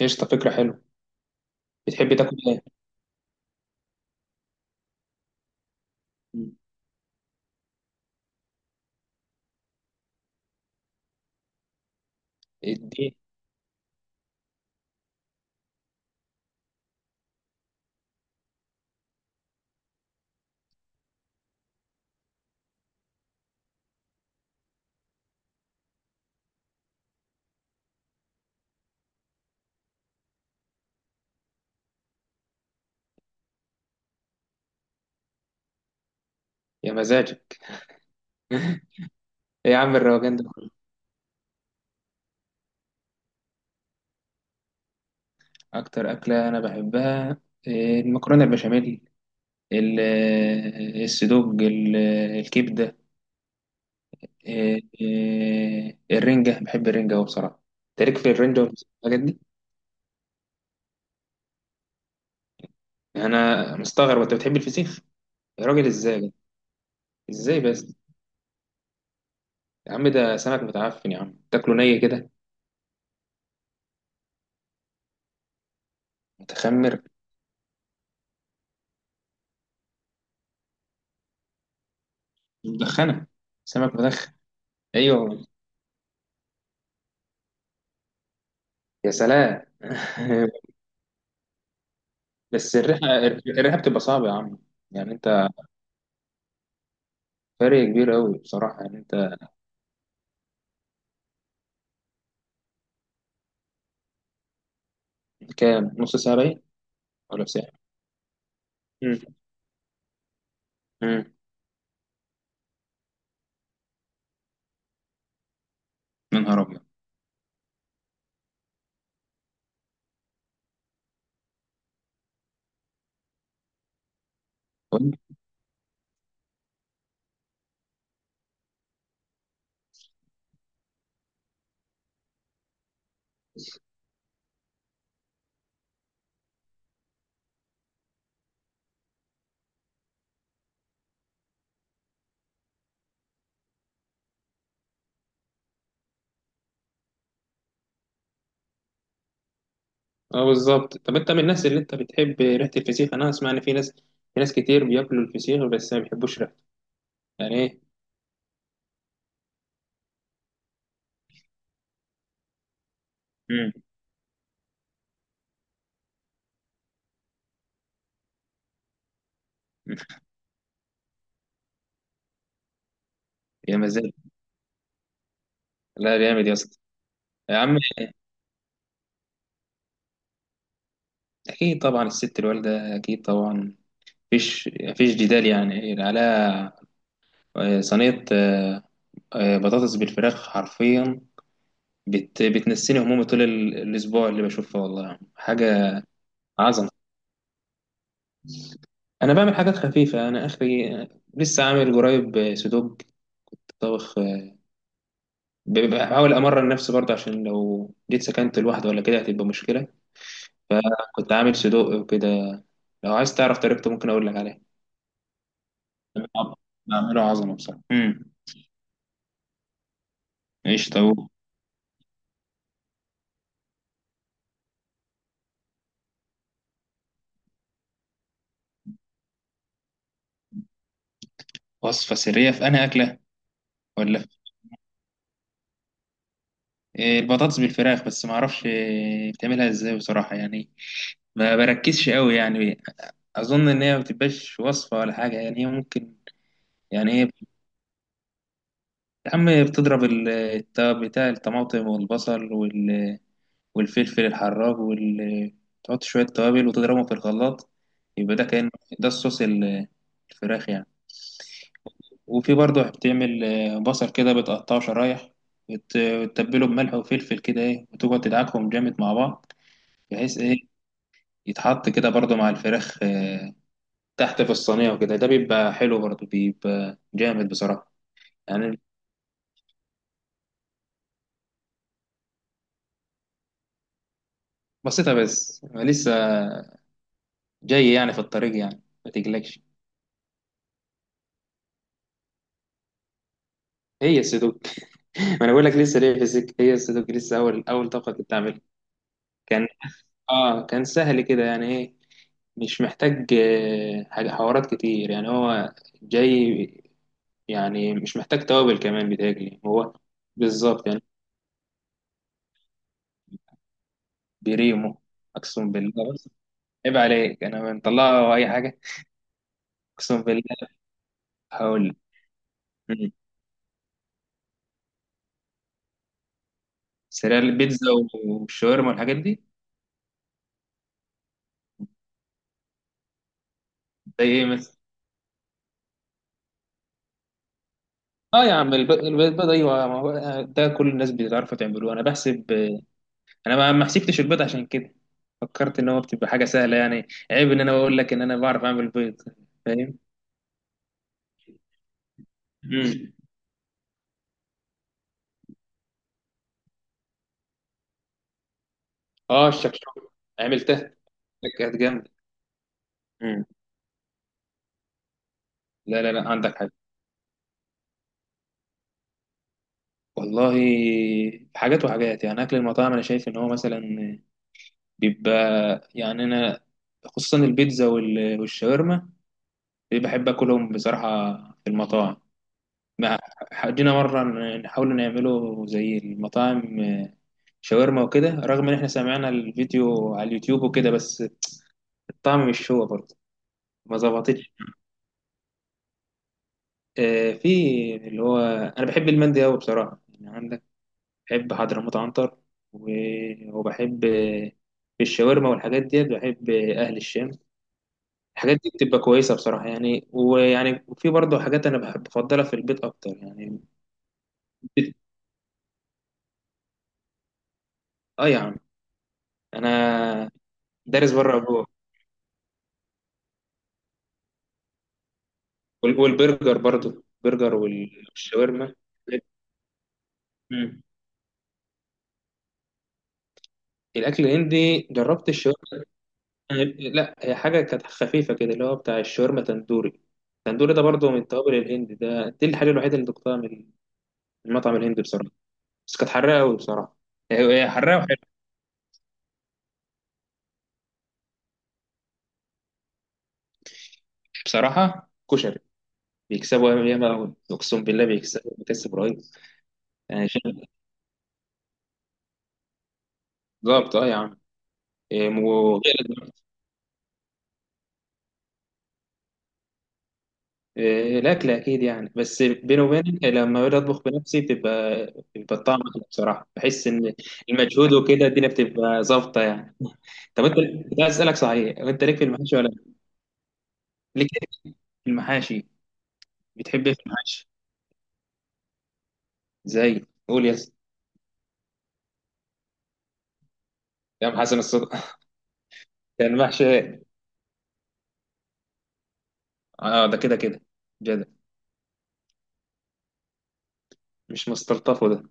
قشطة، فكرة حلوة. بتحبي تاكل ايه؟ مم. اديه. يا مزاجك. ايه يا عم الروجان ده كله؟ اكتر أكلة انا بحبها المكرونة البشاميل. ال- السدوج الكبدة. إيه، إيه، الرنجة، بحب الرنجة أوي بصراحة. تاريخ في الرنجة والحاجات دي. انا مستغرب انت بتحب الفسيخ. يا راجل ازاي؟ ازاي بس؟ يا عم ده سمك متعفن، يا عم تاكله ني كده. متخمر. مدخنة. سمك مدخن. ايوه. يا سلام. بس الرحله بتبقى صعبه يا عم. يعني انت. فرق كبير قوي بصراحه، يعني انت. كام؟ نص ساعه باين، ولا ساعه. امم. امم. يا نهار ابيض. طيب. اه بالظبط. طب انت من الناس اللي انت بتحب ريحه الفسيخ. انا اسمع ان في ناس، في ناس كتير بياكلوا الفسيخ بس ما بيحبوش ريحته. يعني ايه؟ امم. يا مزاج. لا جامد يا اسطى. يا عم، اكيد طبعا الست الوالده، اكيد طبعا. مفيش جدال يعني، على صينيه بطاطس بالفراخ حرفيا. بتنسيني همومي طول الاسبوع، اللي بشوفها والله حاجه عظمه. انا بعمل حاجات خفيفه، انا اخري. لسه عامل قريب سودوك طبخ. بحاول امرن نفسي برضه، عشان لو جيت سكنت لوحدي ولا كده هتبقى مشكله. فكنت عامل سودوك وكده. لو عايز تعرف طريقته ممكن اقول لك عليها. بعم- بعمله عظمه بصراحه. ايش طب. وصفه سريه في انا اكله؟ ولا في؟ البطاطس بالفراخ، بس ما اعرفش بتعملها ازاي بصراحه يعني. ما بركزش قوي يعني. اظن ان هي ما بتبقاش وصفه ولا حاجه، يعني هي ممكن. يعني هي، يا عم، بتضرب بتاع الطماطم والبصل والفلفل الحراج وال، تحط شويه توابل وتضربهم في الخلاط. يبقى ده كان، ده الصوص الفراخ يعني. وفي برضه بتعمل بصل كده بتقطعه شرايح وتتبله بملح وفلفل كده، ايه، وتقعد تدعكهم جامد مع بعض. بحيث ايه يتحط كده برضه مع الفراخ تحت في الصينية، وكده ده بيبقى حلو برضه، بيبقى جامد بصراحة. يعني بسيطة بس لسه جاي يعني في الطريق يعني. ما تقلقش. هي السدوك. ما انا بقول لك لسه ليه في السك. هي السدوك لسه اول اول طبقة كنت اعملها. كان، اه كان سهل كده يعني. ايه، مش محتاج حاجة حوارات كتير، يعني هو جاي. يعني مش محتاج توابل كمان، بيتهيألي هو بالظبط يعني. بريمو. اقسم بالله، بص، عيب عليك، انا مطلعه اي حاجة. اقسم بالله. هقول سريع البيتزا والشاورما والحاجات دي. زي ايه مثلا؟ اه يا عم البيض، ايوه، ما هو ده كل الناس بتعرفوا تعملوه. انا بحسب انا ما حسبتش البيض عشان كده. فكرت ان هو بتبقى حاجه سهله يعني، عيب ان انا بقول لك ان انا بعرف اعمل بيض. فاهم. امم. اه الشكشوكه، عملتها، كانت جامده. امم. لا لا لا، عندك حاجه. والله، حاجات وحاجات يعني. اكل المطاعم انا شايف ان هو مثلا بيبقى، يعني انا خصوصا البيتزا والشاورما، بحب اكلهم بصراحه في المطاعم. ما حدينا مره نحاول نعمله زي المطاعم، شاورما وكده، رغم ان احنا سمعنا الفيديو على اليوتيوب وكده، بس الطعم مش هو برضه. ما ظبطتش. في اللي هو، انا بحب المندي قوي بصراحه يعني. عندك بحب حضرموت عنتر، وبحب في الشاورما والحاجات ديت، بحب اهل الشام. الحاجات دي بتبقى كويسه بصراحه يعني. ويعني في برضه حاجات انا بحب بفضلها في البيت اكتر يعني. اه يا عم، انا دارس بره وجوه. والبرجر برضو، برجر والشاورما. مم. الاكل الهندي جربت الشاورما. لا هي حاجه كانت خفيفه كده، اللي هو بتاع الشاورما تندوري. التندوري ده برضو من التوابل الهندي ده. دي الحاجه الوحيده اللي دقتها من المطعم الهندي بصراحه. بس كانت حراقه قوي بصراحه. هي حراقه وحلوه. بصراحه كشري. بيكسبوا ياما قوي، اقسم بالله بيكسبوا، بيكسب رهيب. يعني شيء- بالظبط اه يا عم. وغير. الأكل أكيد يعني، بس بيني وبينك لما باجي أطبخ بنفسي بتبقى، بيبقى الطعم أحلى بصراحة. بحس إن المجهود وكده الدنيا بتبقى ظابطة يعني. طب أنت، كنت عايز أسألك صحيح، أنت ليك في المحاشي ولا لأ؟ ليك إيه في المحاشي؟ بتحب إيه في المحاشي؟ زي قول يا اسطى. يا عم حسن الصدق. ده المحشي. أه ده كده كده. جدع. مش مستلطفه ده،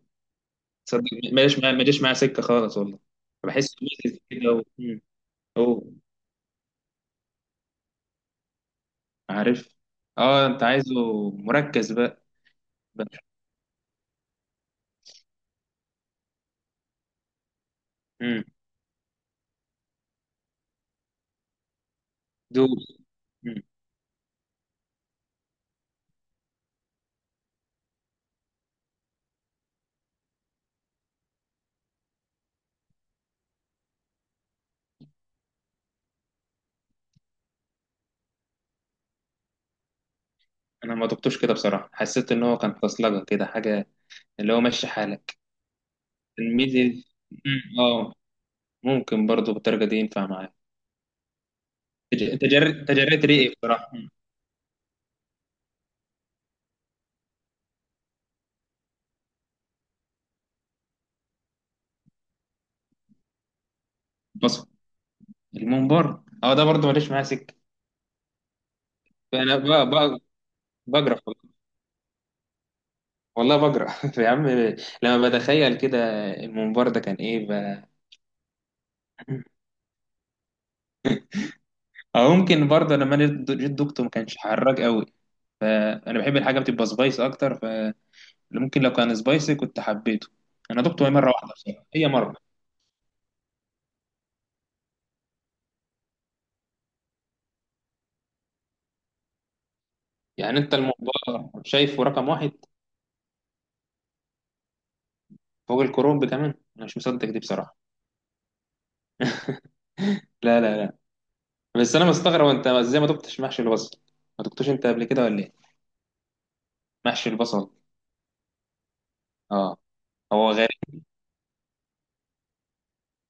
تصدق. ما جاش معايا سكة خالص والله. بحس ميزز كده. مم. أوه. عارف. أه أنت عايزه مركز بقى. دوس. مم. انا ما دقتوش كده بصراحه، حسيت ان هو كان فصلجه كده حاجه، اللي هو ماشي حالك الميدي. مم. اه. ممكن برضو بالدرجه دي ينفع معايا. تجريت ريقي بصراحه. مم. بصل. الممبار، اه ده برضو ماليش معاه سكه. انا ب... بجرى، والله بجرى. يا عم، لما بتخيل كده الممبار ده كان ايه. او ممكن برضه لما انا جيت دقته ما كانش حراج قوي، فانا بحب الحاجه بتبقى سبايس اكتر. اللي ممكن لو كان سبايسي كنت حبيته. انا دقته هي مره واحده بصراحه، هي مره. يعني انت الموضوع شايفه رقم واحد فوق الكرومب كمان، انا مش مصدق دي بصراحه. لا لا لا. بس انا مستغرب انت ازاي ما دقتش محشي البصل. ما دقتوش انت قبل كده ولا ايه؟ محشي البصل. اه. هو غريب.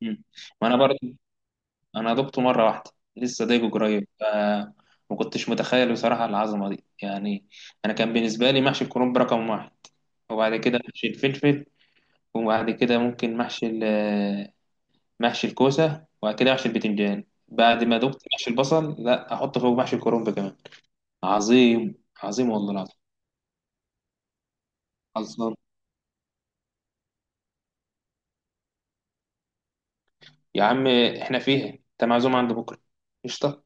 مم. ما انا برضه، انا دقته مره واحده لسه دايقه قريب ما كنتش متخيل بصراحه العظمه دي يعني. انا كان بالنسبه لي محشي الكرنب رقم واحد، وبعد كده محشي الفلفل، وبعد كده ممكن محشي، محشي الكوسة، وبعد كده محشي البتنجان. بعد ما دقت محشي البصل، لا أحط فوق محشي الكرنب كمان. عظيم. عظيم والله العظيم. خلصان. يا عم إحنا فيها، أنت معزوم عند بكرة. قشطة.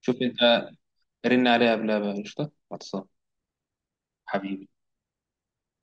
شوف أنت، رن عليها قبلها بقى. قشطة خلصان. حبيبي.